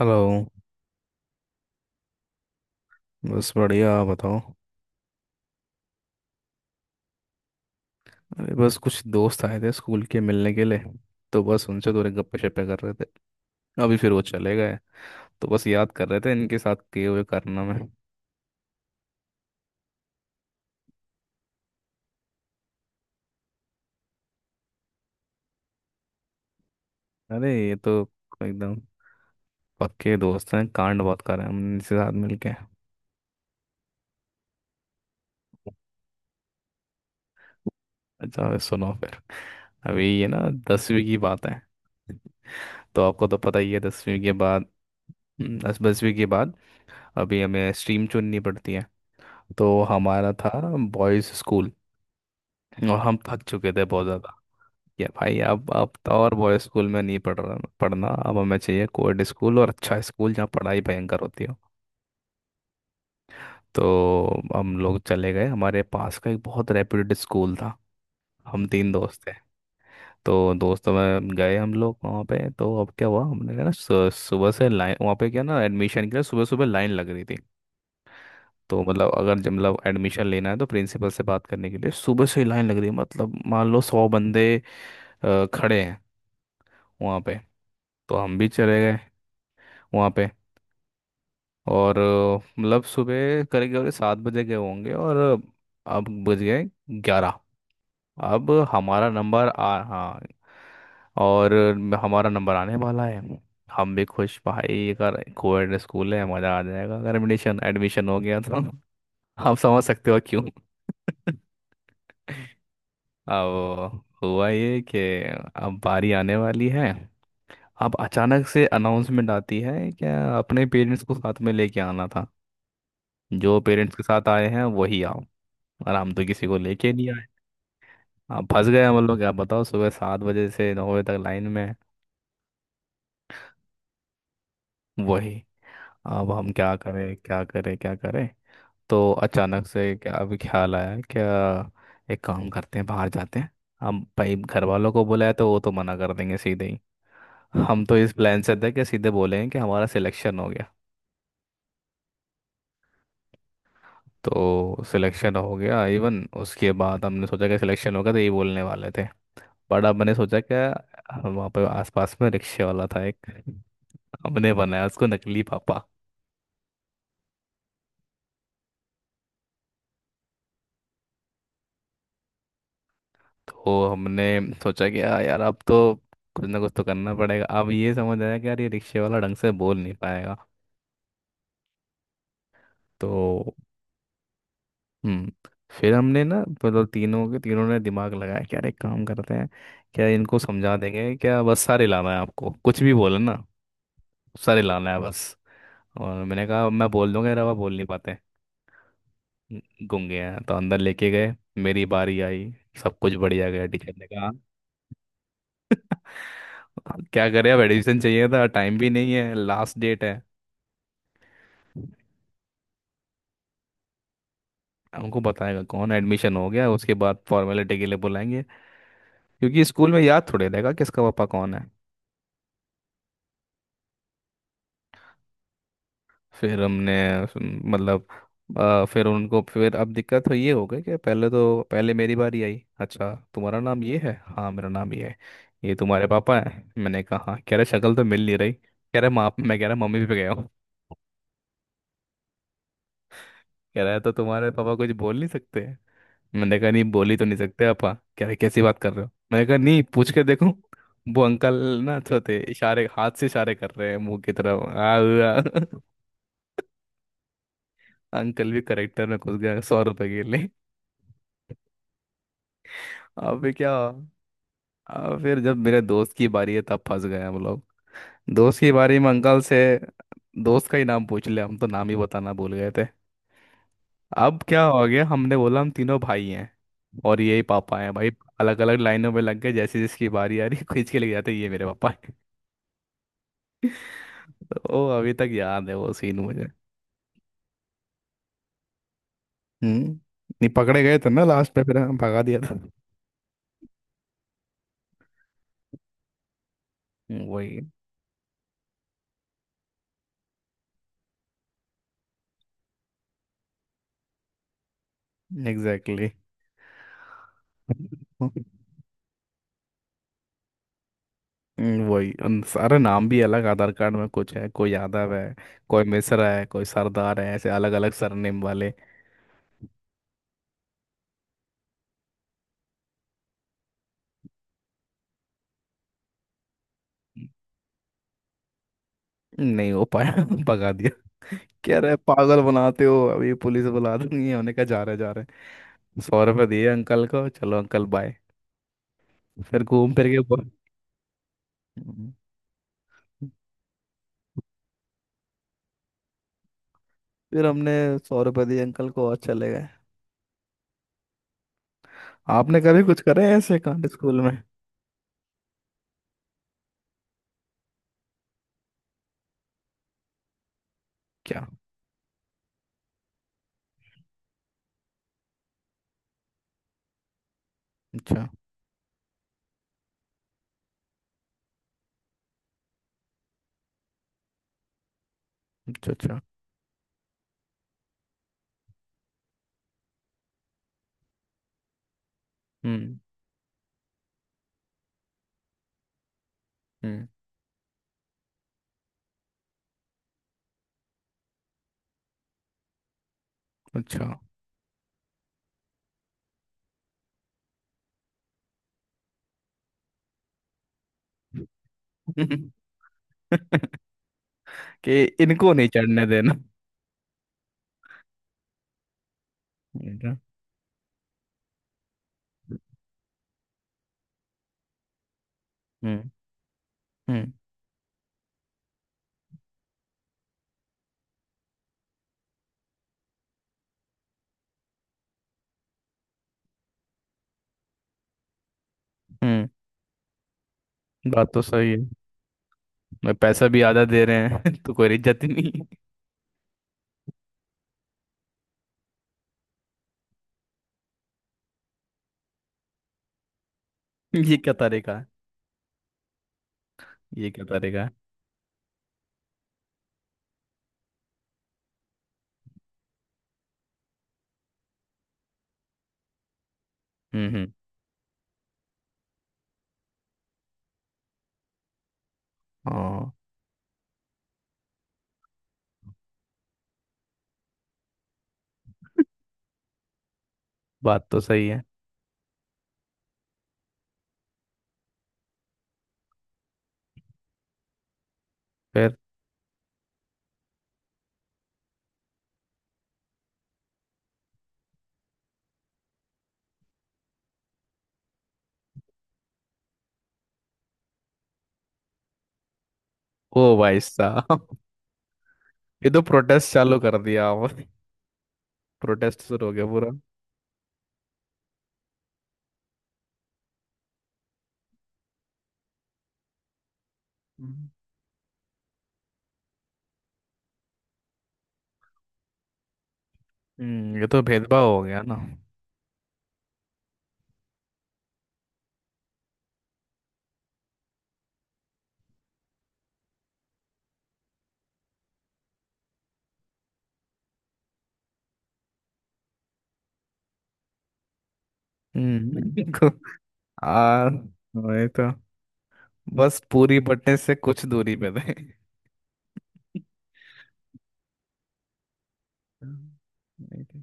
Hello. बस बढ़िया, आप बताओ। अरे बस कुछ दोस्त आए थे स्कूल के मिलने के लिए, तो बस उनसे थोड़े गप्पे शप्पे कर रहे थे। अभी फिर वो चले गए, तो बस याद कर रहे थे इनके साथ किए हुए करना में। अरे ये तो एकदम पक्के दोस्त हैं। कांड बहुत कर रहे हैं हम इनके साथ मिलके। अच्छा अभी सुनो फिर, अभी ये ना 10वीं की बात है। तो आपको तो पता ही है 10वीं के बाद, दस 10वीं के बाद अभी हमें स्ट्रीम चुननी पड़ती है। तो हमारा था बॉयज़ स्कूल, और हम थक चुके थे बहुत ज़्यादा कि भाई अब तो और बॉय स्कूल में नहीं पढ़ रहा पढ़ना। अब हमें चाहिए कोएड स्कूल और अच्छा स्कूल जहाँ पढ़ाई भयंकर होती हो। तो हम लोग चले गए, हमारे पास का एक बहुत रेप्यूटेड स्कूल था। हम तीन दोस्त थे, तो दोस्तों में गए हम लोग वहाँ पे। तो अब क्या हुआ, हमने कहा ना सुबह से लाइन वहाँ पे क्या ना, एडमिशन के लिए सुबह सुबह लाइन लग रही थी। तो मतलब अगर जब मतलब एडमिशन लेना है तो प्रिंसिपल से बात करने के लिए सुबह से ही लाइन लग रही है। मतलब मान लो 100 बंदे खड़े हैं वहाँ पे। तो हम भी चले गए वहाँ पे। और मतलब सुबह करीब करीब 7 बजे गए होंगे, और अब बज गए 11। अब हमारा नंबर आ हाँ, और हमारा नंबर आने वाला है। हम भी खुश, भाई अगर कोएड स्कूल है मज़ा आ जाएगा अगर एडमिशन एडमिशन हो गया तो। आप समझ सकते हो क्यों। अब हुआ ये कि अब बारी आने वाली है। अब अचानक से अनाउंसमेंट आती है क्या, अपने पेरेंट्स को साथ में लेके आना था। जो पेरेंट्स के साथ आए हैं वही आओ। और हम तो किसी को लेके नहीं आए। अब फंस गए हम लोग, क्या बताओ सुबह 7 बजे से 9 बजे तक लाइन में हैं। वही, अब हम क्या करें, क्या करें, क्या करें। तो अचानक से क्या अभी ख्याल आया क्या, एक काम करते हैं बाहर जाते हैं। हम भाई घर वालों को बुलाया तो वो तो मना कर देंगे सीधे ही। हम तो इस प्लान से थे कि सीधे बोलेंगे कि हमारा सिलेक्शन हो गया। तो सिलेक्शन हो गया इवन, उसके बाद हमने सोचा कि सिलेक्शन होगा तो ये बोलने वाले थे। बट अब मैंने सोचा कि वहाँ पे आसपास में रिक्शे वाला था एक। हमने बनाया उसको नकली पापा। तो हमने सोचा कि "आ, यार अब तो कुछ ना कुछ तो करना पड़ेगा। अब ये समझ आया कि यार ये रिक्शे वाला ढंग से बोल नहीं पाएगा। तो हम्म फिर हमने ना मतलब तीनों के तीनों ने दिमाग लगाया कि यार एक काम करते हैं, क्या इनको समझा देंगे क्या, बस सारे लाना है आपको कुछ भी बोले ना। सारे लाना है बस। और मैंने कहा मैं बोल दूंगा, रवा बोल नहीं पाते गूंगे हैं। तो अंदर लेके गए। मेरी बारी आई, सब कुछ बढ़िया गया। टीचर ने कहा "हाँ, क्या करें अब, एडमिशन चाहिए था, टाइम भी नहीं है लास्ट डेट है। हमको बताएगा कौन, एडमिशन हो गया उसके बाद फॉर्मेलिटी के लिए बुलाएंगे। क्योंकि स्कूल में याद थोड़े रहेगा किसका पापा कौन है। फिर हमने मतलब फिर उनको, फिर अब दिक्कत तो ये हो गई कि पहले तो, पहले मेरी बारी आई। अच्छा तुम्हारा नाम ये है, हाँ मेरा नाम ये है। ये तुम्हारे पापा है, मैंने कहा हाँ। कह रहे शक्ल तो मिल नहीं रही, कह रहे माँ, मैं कह रहा मम्मी पे गया हूँ। कह रहा है तो तुम्हारे पापा कुछ बोल नहीं सकते हैं?" मैंने कहा नहीं, बोल ही तो नहीं सकते पापा। कह रहे कैसी बात कर रहे हो, मैंने कहा नहीं पूछ के देखो। वो अंकल ना तो थे, इशारे हाथ से इशारे कर रहे हैं मुंह की तरफ आ, अंकल भी करेक्टर में घुस गया 100 रुपए के लिए। अब भी क्या, फिर जब मेरे दोस्त की बारी है तब फंस गए हम लोग। दोस्त की बारी में अंकल से दोस्त का ही नाम पूछ लिया। हम तो नाम ही बताना भूल गए थे। अब क्या हो गया, हमने बोला हम तीनों भाई हैं और यही पापा हैं भाई। अलग अलग लाइनों में लग गए, जैसे जिसकी बारी आ रही खींच के ले जाते ये मेरे पापा हैं। तो अभी तक याद है वो सीन मुझे। हम्म। नहीं पकड़े गए थे ना, लास्ट में फिर हाँ, भगा दिया था। वही। एग्जैक्टली। वही उन सारे नाम भी अलग, आधार कार्ड में कुछ है, कोई यादव है, कोई मिश्रा है, कोई सरदार है, ऐसे अलग अलग सरनेम वाले। नहीं हो पाया। भगा दिया। कह रहे पागल बनाते हो अभी पुलिस बुला दूंगी, हमने कहा जा रहे जा रहे। सौ रुपये दिए अंकल को, चलो अंकल बाय। फिर घूम फिर के हम्म, फिर हमने 100 रुपये दिए अंकल को और चले गए। आपने कभी कुछ करे हैं ऐसे कांड स्कूल में? क्या? अच्छा। अच्छा। अच्छा। हम्म। हम्म। अच्छा। कि इनको नहीं चढ़ने देना। बेटा, हम्म। हम्म। हम्म। बात तो सही है। मैं पैसा भी आधा दे रहे हैं तो कोई इज्जत ही नहीं। ये क्या तरीका है। ये क्या तरीका है। हम्म। हम्म। हाँ। बात तो सही है। फिर? ओ भाई साहब, ये तो प्रोटेस्ट चालू कर दिया और प्रोटेस्ट शुरू हो गया पूरा। हम्म। हम्म, ये तो भेदभाव हो गया ना। हम्म। आ, वही तो, बस पूरी बटने से कुछ दूरी पे थे। हम्म, नहीं तो-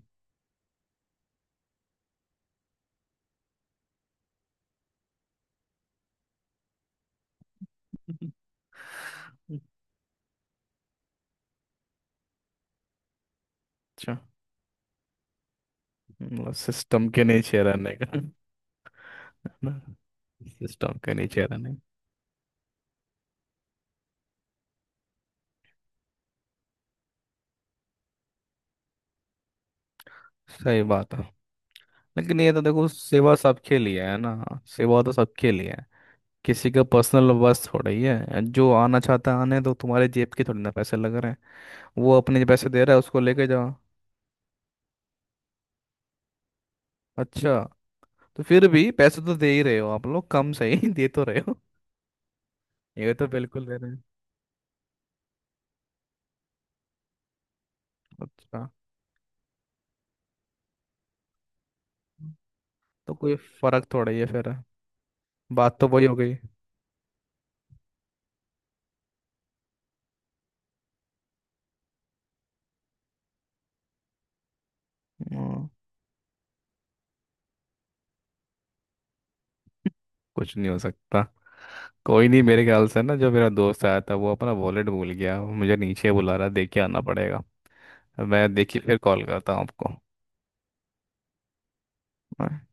अच्छा। सिस्टम के नीचे रहने का है ना, सिस्टम के नीचे रहने का। सही बात है। लेकिन ये तो देखो सेवा सबके लिए है ना। सेवा तो सबके लिए है। किसी का पर्सनल बस थोड़ी है, जो आना चाहता है आने दो, तुम्हारे जेब के थोड़ी ना पैसे लग रहे हैं। वो अपने पैसे दे रहा है, उसको लेके जाओ। अच्छा, तो फिर भी पैसे तो दे ही रहे हो आप लोग, कम सही दे तो रहे हो। ये तो बिल्कुल दे रहे हैं। अच्छा, तो कोई फर्क थोड़ा ही है फिर, बात तो वही हो गई। हाँ, कुछ नहीं हो सकता। कोई नहीं, मेरे ख्याल से ना जो मेरा दोस्त आया था वो अपना वॉलेट भूल गया, वो मुझे नीचे बुला रहा है, देख के आना पड़ेगा। मैं देखिए फिर कॉल करता हूँ आपको। हाँ।